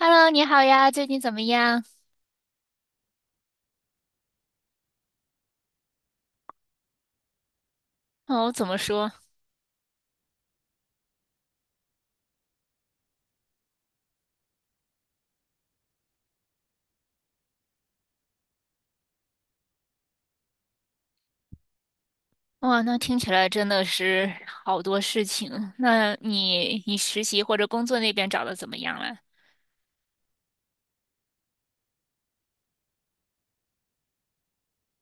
Hello，你好呀，最近怎么样？哦，怎么说？哇，那听起来真的是好多事情。那你实习或者工作那边找的怎么样了？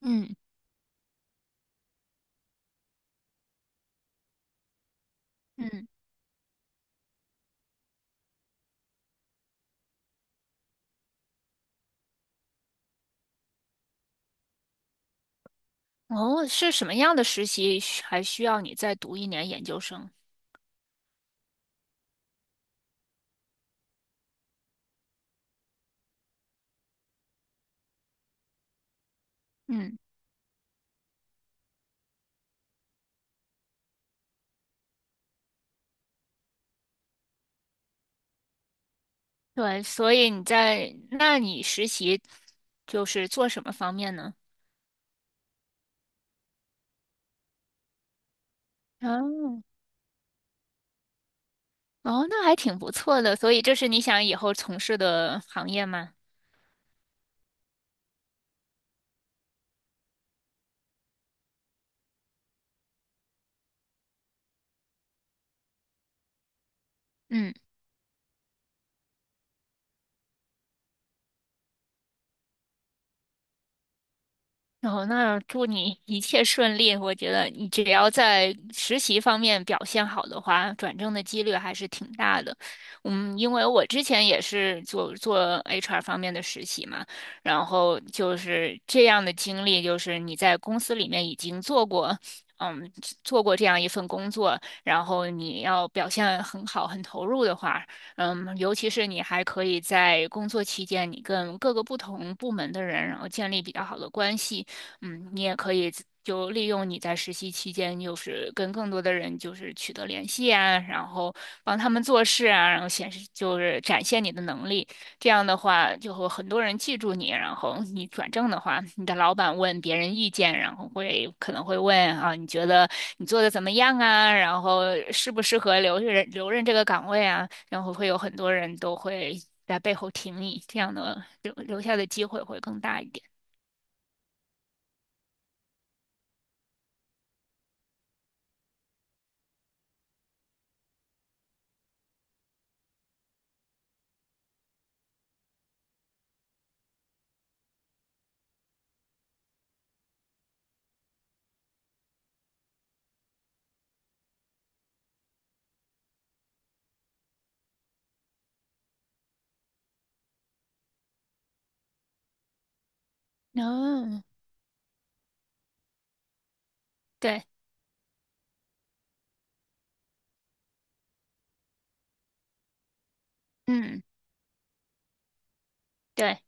嗯嗯，哦，是什么样的实习需要你再读1年研究生？嗯，对，所以你在，那你实习就是做什么方面呢？哦哦，那还挺不错的。所以这是你想以后从事的行业吗？嗯。哦，那祝你一切顺利。我觉得你只要在实习方面表现好的话，转正的几率还是挺大的。嗯，因为我之前也是做做 HR 方面的实习嘛，然后就是这样的经历，就是你在公司里面已经做过，嗯，做过这样一份工作，然后你要表现很好、很投入的话，嗯，尤其是你还可以在工作期间，你跟各个不同部门的人，然后建立比较好的关系。嗯，你也可以就利用你在实习期间，就是跟更多的人就是取得联系啊，然后帮他们做事啊，然后显示就是展现你的能力。这样的话，就会很多人记住你。然后你转正的话，你的老板问别人意见，然后会可能会问啊，你觉得你做的怎么样啊？然后适不适合留任留任这个岗位啊？然后会有很多人都会在背后挺你，这样的留留下的机会会更大一点。嗯，对。嗯，对，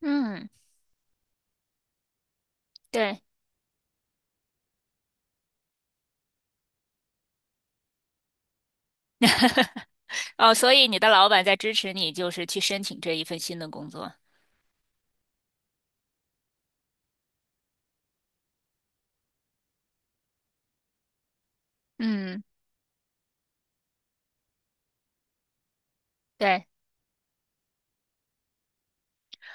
嗯，对，哦，所以你的老板在支持你，就是去申请这一份新的工作。嗯，对，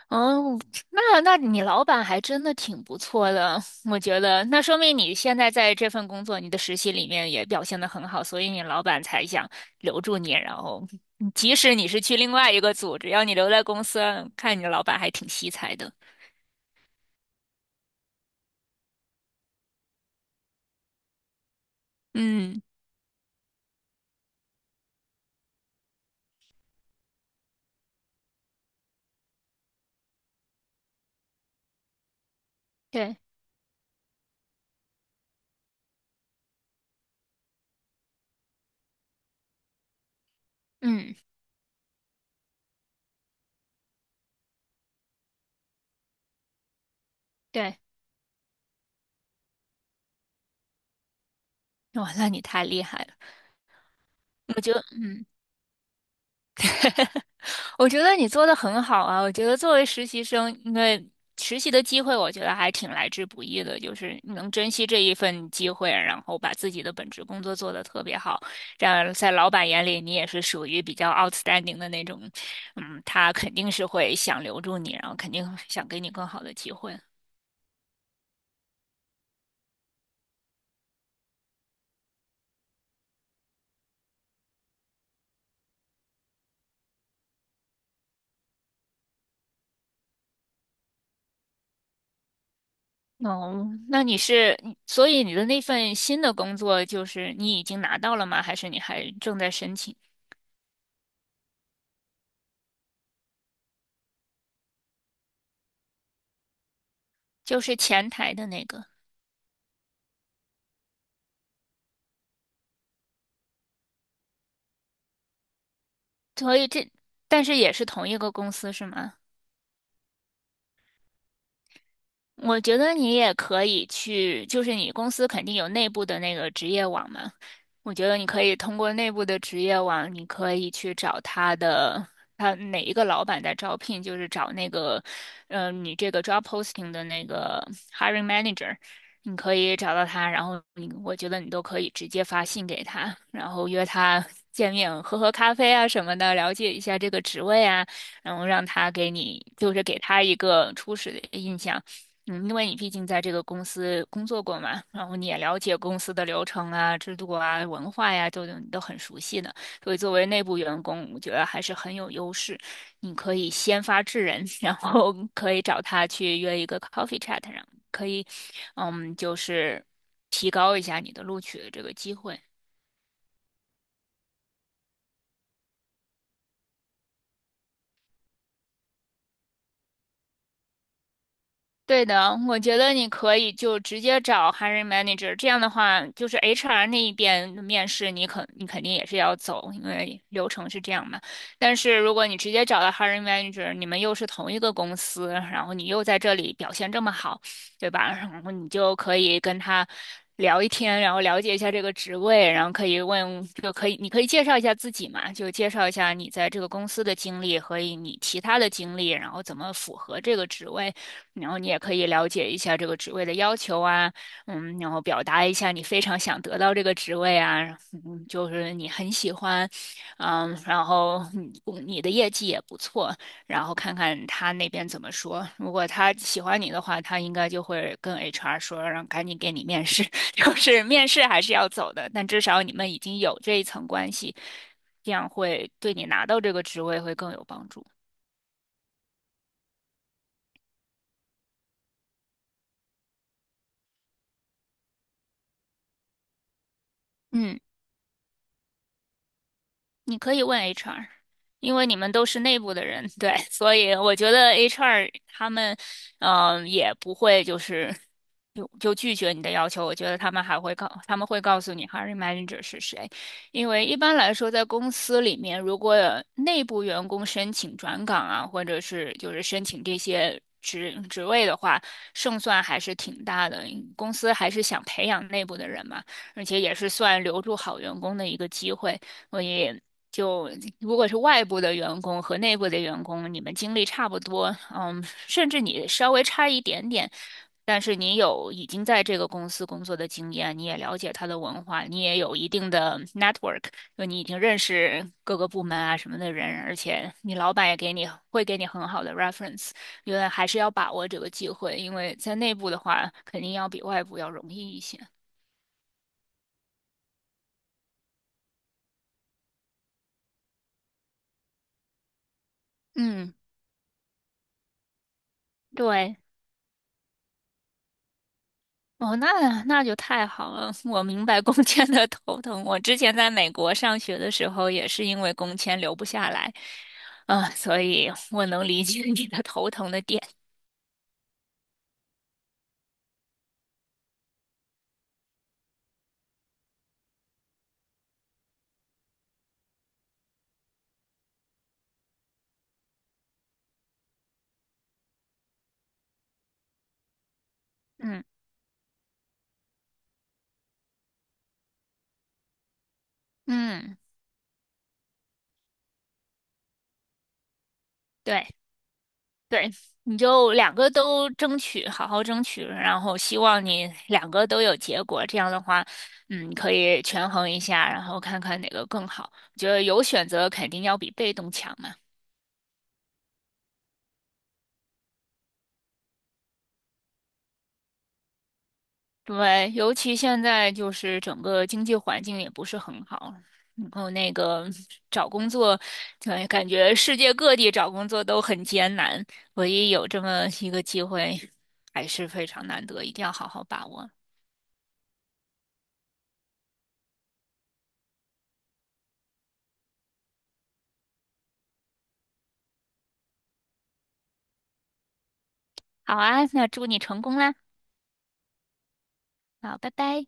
哦，那你老板还真的挺不错的，我觉得，那说明你现在在这份工作，你的实习里面也表现的很好，所以你老板才想留住你，然后即使你是去另外一个组，只要你留在公司，看你老板还挺惜才的。嗯，对，嗯，对，哇，那你太厉害了，我觉得，嗯。我觉得你做的很好啊！我觉得作为实习生，因为实习的机会，我觉得还挺来之不易的，就是你能珍惜这一份机会，然后把自己的本职工作做得特别好，这样在老板眼里你也是属于比较 outstanding 的那种，嗯，他肯定是会想留住你，然后肯定想给你更好的机会。哦，那你是，你所以你的那份新的工作就是你已经拿到了吗？还是你还正在申请？就是前台的那个。所以这，但是也是同一个公司是吗？我觉得你也可以去，就是你公司肯定有内部的那个职业网嘛，我觉得你可以通过内部的职业网，你可以去找他哪一个老板在招聘，就是找那个，你这个 job posting 的那个 hiring manager，你可以找到他，然后我觉得你都可以直接发信给他，然后约他见面，喝喝咖啡啊什么的，了解一下这个职位啊，然后让他给你，就是给他一个初始的印象。嗯，因为你毕竟在这个公司工作过嘛，然后你也了解公司的流程啊、制度啊、文化呀、你都很熟悉的，所以作为内部员工，我觉得还是很有优势。你可以先发制人，然后可以找他去约一个 coffee chat，然后可以，嗯，就是提高一下你的录取的这个机会。对的，我觉得你可以就直接找 hiring manager，这样的话，就是 HR 那一边的面试，你肯定也是要走，因为流程是这样嘛。但是如果你直接找到 hiring manager，你们又是同一个公司，然后你又在这里表现这么好，对吧？然后你就可以跟他聊一天，然后了解一下这个职位，然后可以问，就可以你可以介绍一下自己嘛，就介绍一下你在这个公司的经历和你其他的经历，然后怎么符合这个职位。然后你也可以了解一下这个职位的要求啊，嗯，然后表达一下你非常想得到这个职位啊，嗯，就是你很喜欢，嗯，然后你的业绩也不错，然后看看他那边怎么说。如果他喜欢你的话，他应该就会跟 HR 说，让赶紧给你面试，就是面试还是要走的，但至少你们已经有这一层关系，这样会对你拿到这个职位会更有帮助。嗯。你可以问 HR，因为你们都是内部的人，对，所以我觉得 HR 他们，也不会就是就拒绝你的要求。我觉得他们还会告，他们会告诉你 h i r i n manager 是谁，因为一般来说，在公司里面，如果有内部员工申请转岗啊，或者是就是申请这些。职职位的话，胜算还是挺大的。公司还是想培养内部的人嘛，而且也是算留住好员工的一个机会。所以就如果是外部的员工和内部的员工，你们经历差不多，嗯，甚至你稍微差一点点，但是你有已经在这个公司工作的经验，你也了解他的文化，你也有一定的 network，就你已经认识各个部门啊什么的人，而且你老板也给你会给你很好的 reference，因为还是要把握这个机会，因为在内部的话，肯定要比外部要容易一些。嗯，对。哦，那就太好了，我明白工签的头疼。我之前在美国上学的时候，也是因为工签留不下来，啊、所以我能理解你的头疼的点。嗯嗯，对对，你就两个都争取，好好争取，然后希望你两个都有结果。这样的话，嗯，可以权衡一下，然后看看哪个更好。我觉得有选择肯定要比被动强嘛。对，尤其现在就是整个经济环境也不是很好，然后那个找工作，对，感觉世界各地找工作都很艰难，唯一有这么一个机会，还是非常难得，一定要好好把握。好啊，那祝你成功啦！好，拜拜。